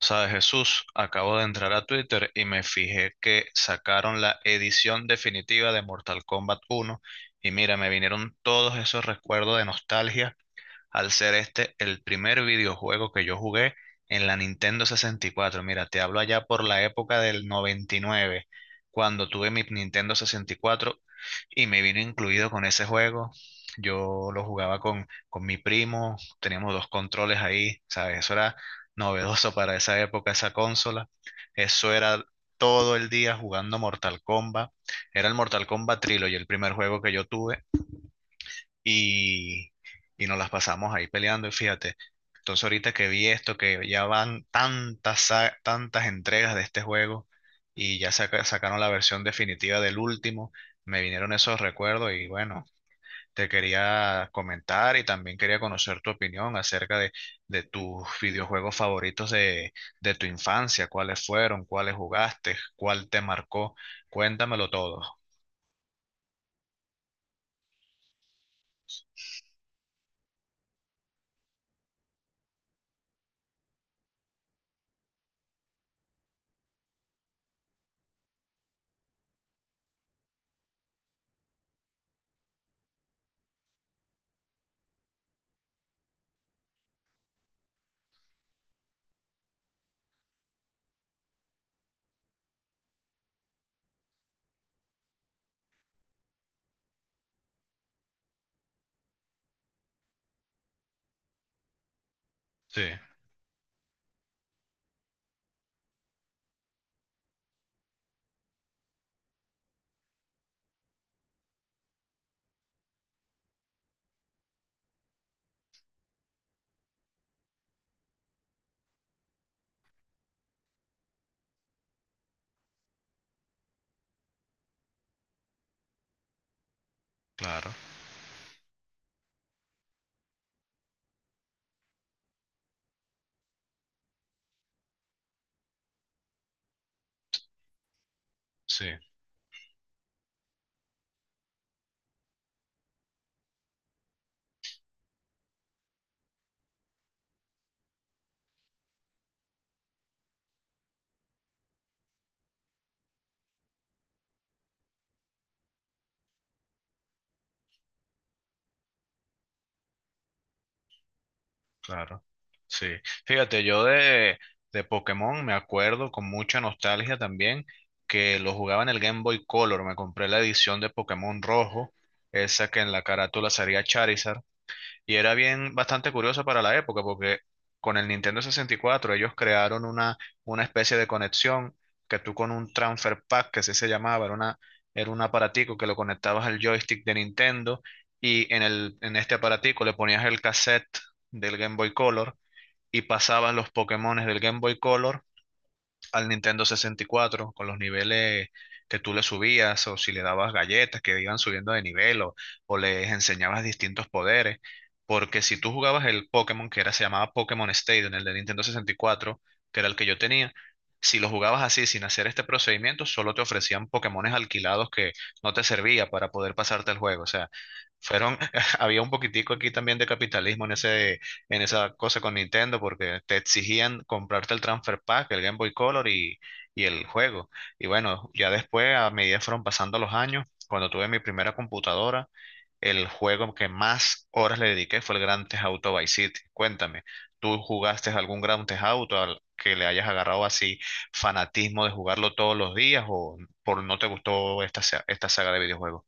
Sabes, Jesús, acabo de entrar a Twitter y me fijé que sacaron la edición definitiva de Mortal Kombat 1 y mira, me vinieron todos esos recuerdos de nostalgia al ser este el primer videojuego que yo jugué en la Nintendo 64. Mira, te hablo allá por la época del 99, cuando tuve mi Nintendo 64 y me vino incluido con ese juego. Yo lo jugaba con mi primo, teníamos dos controles ahí, ¿sabes? Eso era novedoso para esa época, esa consola. Eso era todo el día jugando Mortal Kombat. Era el Mortal Kombat Trilogy, el primer juego que yo tuve y, y nos las pasamos ahí peleando y fíjate. Entonces ahorita que vi esto, que ya van tantas entregas de este juego y ya sacaron la versión definitiva del último, me vinieron esos recuerdos y bueno, te quería comentar y también quería conocer tu opinión acerca de tus videojuegos favoritos de tu infancia, cuáles fueron, cuáles jugaste, cuál te marcó. Cuéntamelo todo. Sí, claro, sí. Claro, sí. Fíjate, yo de Pokémon me acuerdo con mucha nostalgia también, que lo jugaba en el Game Boy Color. Me compré la edición de Pokémon Rojo, esa que en la carátula salía Charizard. Y era bien bastante curioso para la época, porque con el Nintendo 64 ellos crearon una especie de conexión, que tú con un transfer pack, que así se llamaba, era era un aparatico que lo conectabas al joystick de Nintendo, y en en este aparatico le ponías el cassette del Game Boy Color y pasabas los Pokémones del Game Boy Color al Nintendo 64 con los niveles que tú le subías, o si le dabas galletas que iban subiendo de nivel, o les enseñabas distintos poderes. Porque si tú jugabas el Pokémon, que era, se llamaba Pokémon Stadium, el de Nintendo 64, que era el que yo tenía, si lo jugabas así sin hacer este procedimiento, solo te ofrecían Pokémones alquilados que no te servía para poder pasarte el juego. O sea, fueron, había un poquitico aquí también de capitalismo en ese, en esa cosa con Nintendo, porque te exigían comprarte el Transfer Pack, el Game Boy Color y el juego. Y bueno, ya después, a medida que fueron pasando los años, cuando tuve mi primera computadora, el juego que más horas le dediqué fue el Grand Theft Auto Vice City. Cuéntame, ¿tú jugaste algún Grand Theft Auto al que le hayas agarrado así fanatismo de jugarlo todos los días, o por no te gustó esta saga de videojuegos?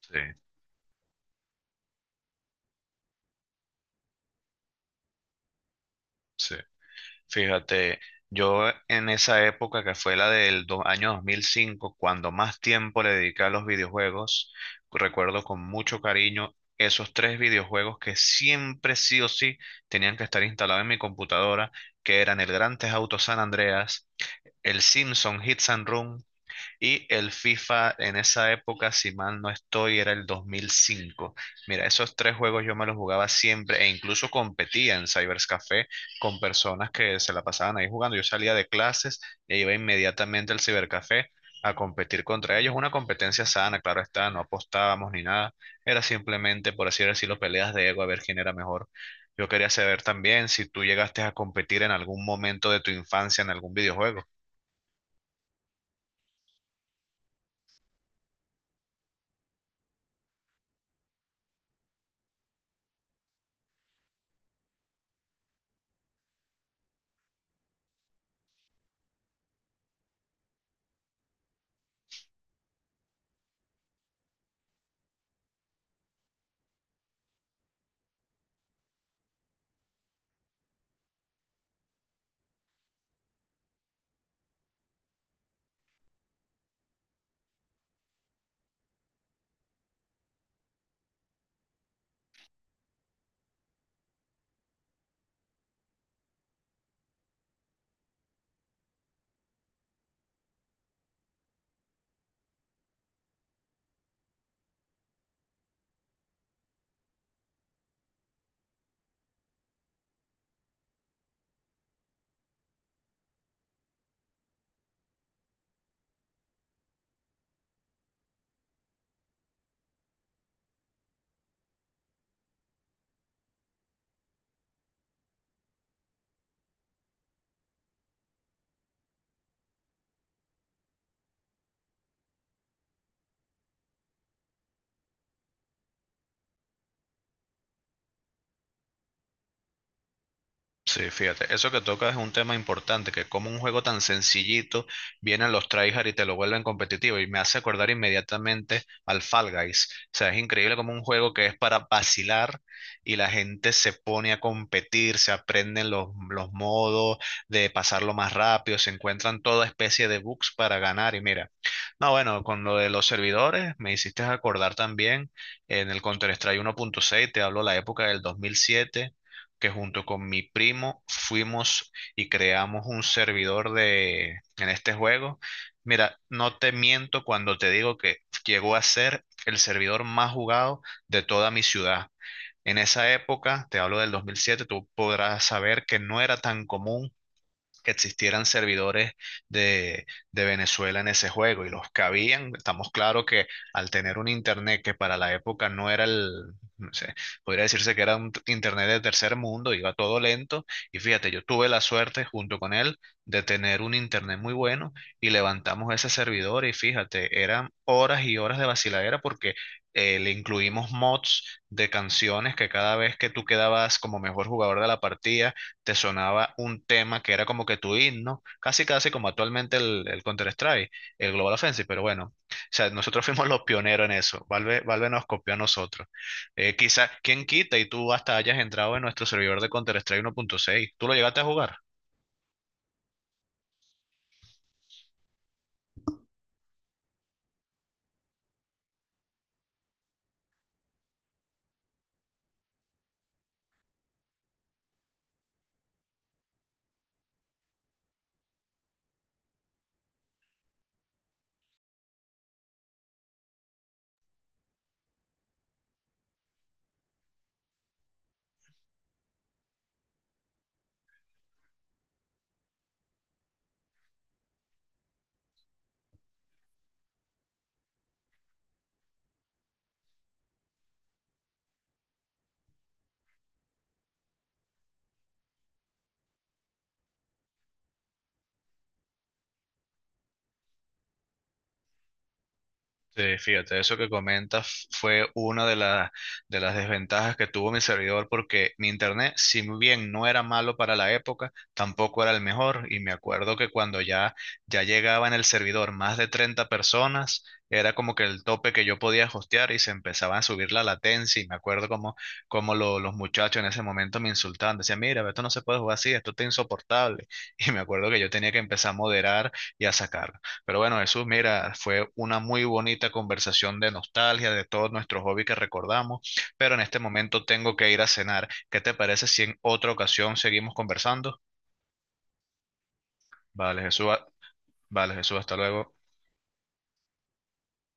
Sí, sí. Fíjate, yo en esa época que fue la del año 2005, cuando más tiempo le dediqué a los videojuegos, recuerdo con mucho cariño esos tres videojuegos que siempre sí o sí tenían que estar instalados en mi computadora, que eran el Grand Theft Auto San Andreas, el Simpson Hits and Run y el FIFA, en esa época, si mal no estoy, era el 2005. Mira, esos tres juegos yo me los jugaba siempre, e incluso competía en Cybers Café con personas que se la pasaban ahí jugando. Yo salía de clases e iba inmediatamente al Cibercafé a competir contra ellos. Una competencia sana, claro está, no apostábamos ni nada. Era simplemente, por así decirlo, peleas de ego a ver quién era mejor. Yo quería saber también si tú llegaste a competir en algún momento de tu infancia en algún videojuego. Sí, fíjate, eso que tocas es un tema importante, que como un juego tan sencillito vienen los tryhard y te lo vuelven competitivo, y me hace acordar inmediatamente al Fall Guys. O sea, es increíble como un juego que es para vacilar y la gente se pone a competir, se aprenden los modos de pasarlo más rápido, se encuentran toda especie de bugs para ganar, y mira. No, bueno, con lo de los servidores me hiciste acordar también en el Counter-Strike 1.6, te hablo la época del 2007, que junto con mi primo fuimos y creamos un servidor de en este juego. Mira, no te miento cuando te digo que llegó a ser el servidor más jugado de toda mi ciudad. En esa época, te hablo del 2007, tú podrás saber que no era tan común que existieran servidores de, de Venezuela en ese juego, y los que habían, estamos claro que, al tener un internet que para la época no era el, no sé, podría decirse que era un internet de tercer mundo, iba todo lento. Y fíjate, yo tuve la suerte junto con él de tener un internet muy bueno, y levantamos ese servidor y fíjate, eran horas y horas de vaciladera porque le incluimos mods de canciones, que cada vez que tú quedabas como mejor jugador de la partida, te sonaba un tema que era como que tu himno, casi casi como actualmente el, Counter-Strike, el Global Offensive, pero bueno, o sea, nosotros fuimos los pioneros en eso, Valve nos copió a nosotros. Quizá, ¿quién quita y tú hasta hayas entrado en nuestro servidor de Counter-Strike 1.6? ¿Tú lo llegaste a jugar? Sí, fíjate, eso que comentas fue una de las desventajas que tuvo mi servidor, porque mi internet, si bien no era malo para la época, tampoco era el mejor. Y me acuerdo que cuando ya llegaba en el servidor más de 30 personas, era como que el tope que yo podía hostear, y se empezaba a subir la latencia. Y me acuerdo como los muchachos en ese momento me insultaban, decían, mira, esto no se puede jugar así, esto está insoportable. Y me acuerdo que yo tenía que empezar a moderar y a sacar. Pero bueno, Jesús, mira, fue una muy bonita conversación de nostalgia, de todos nuestros hobbies que recordamos, pero en este momento tengo que ir a cenar. ¿Qué te parece si en otra ocasión seguimos conversando? Vale, Jesús, hasta luego.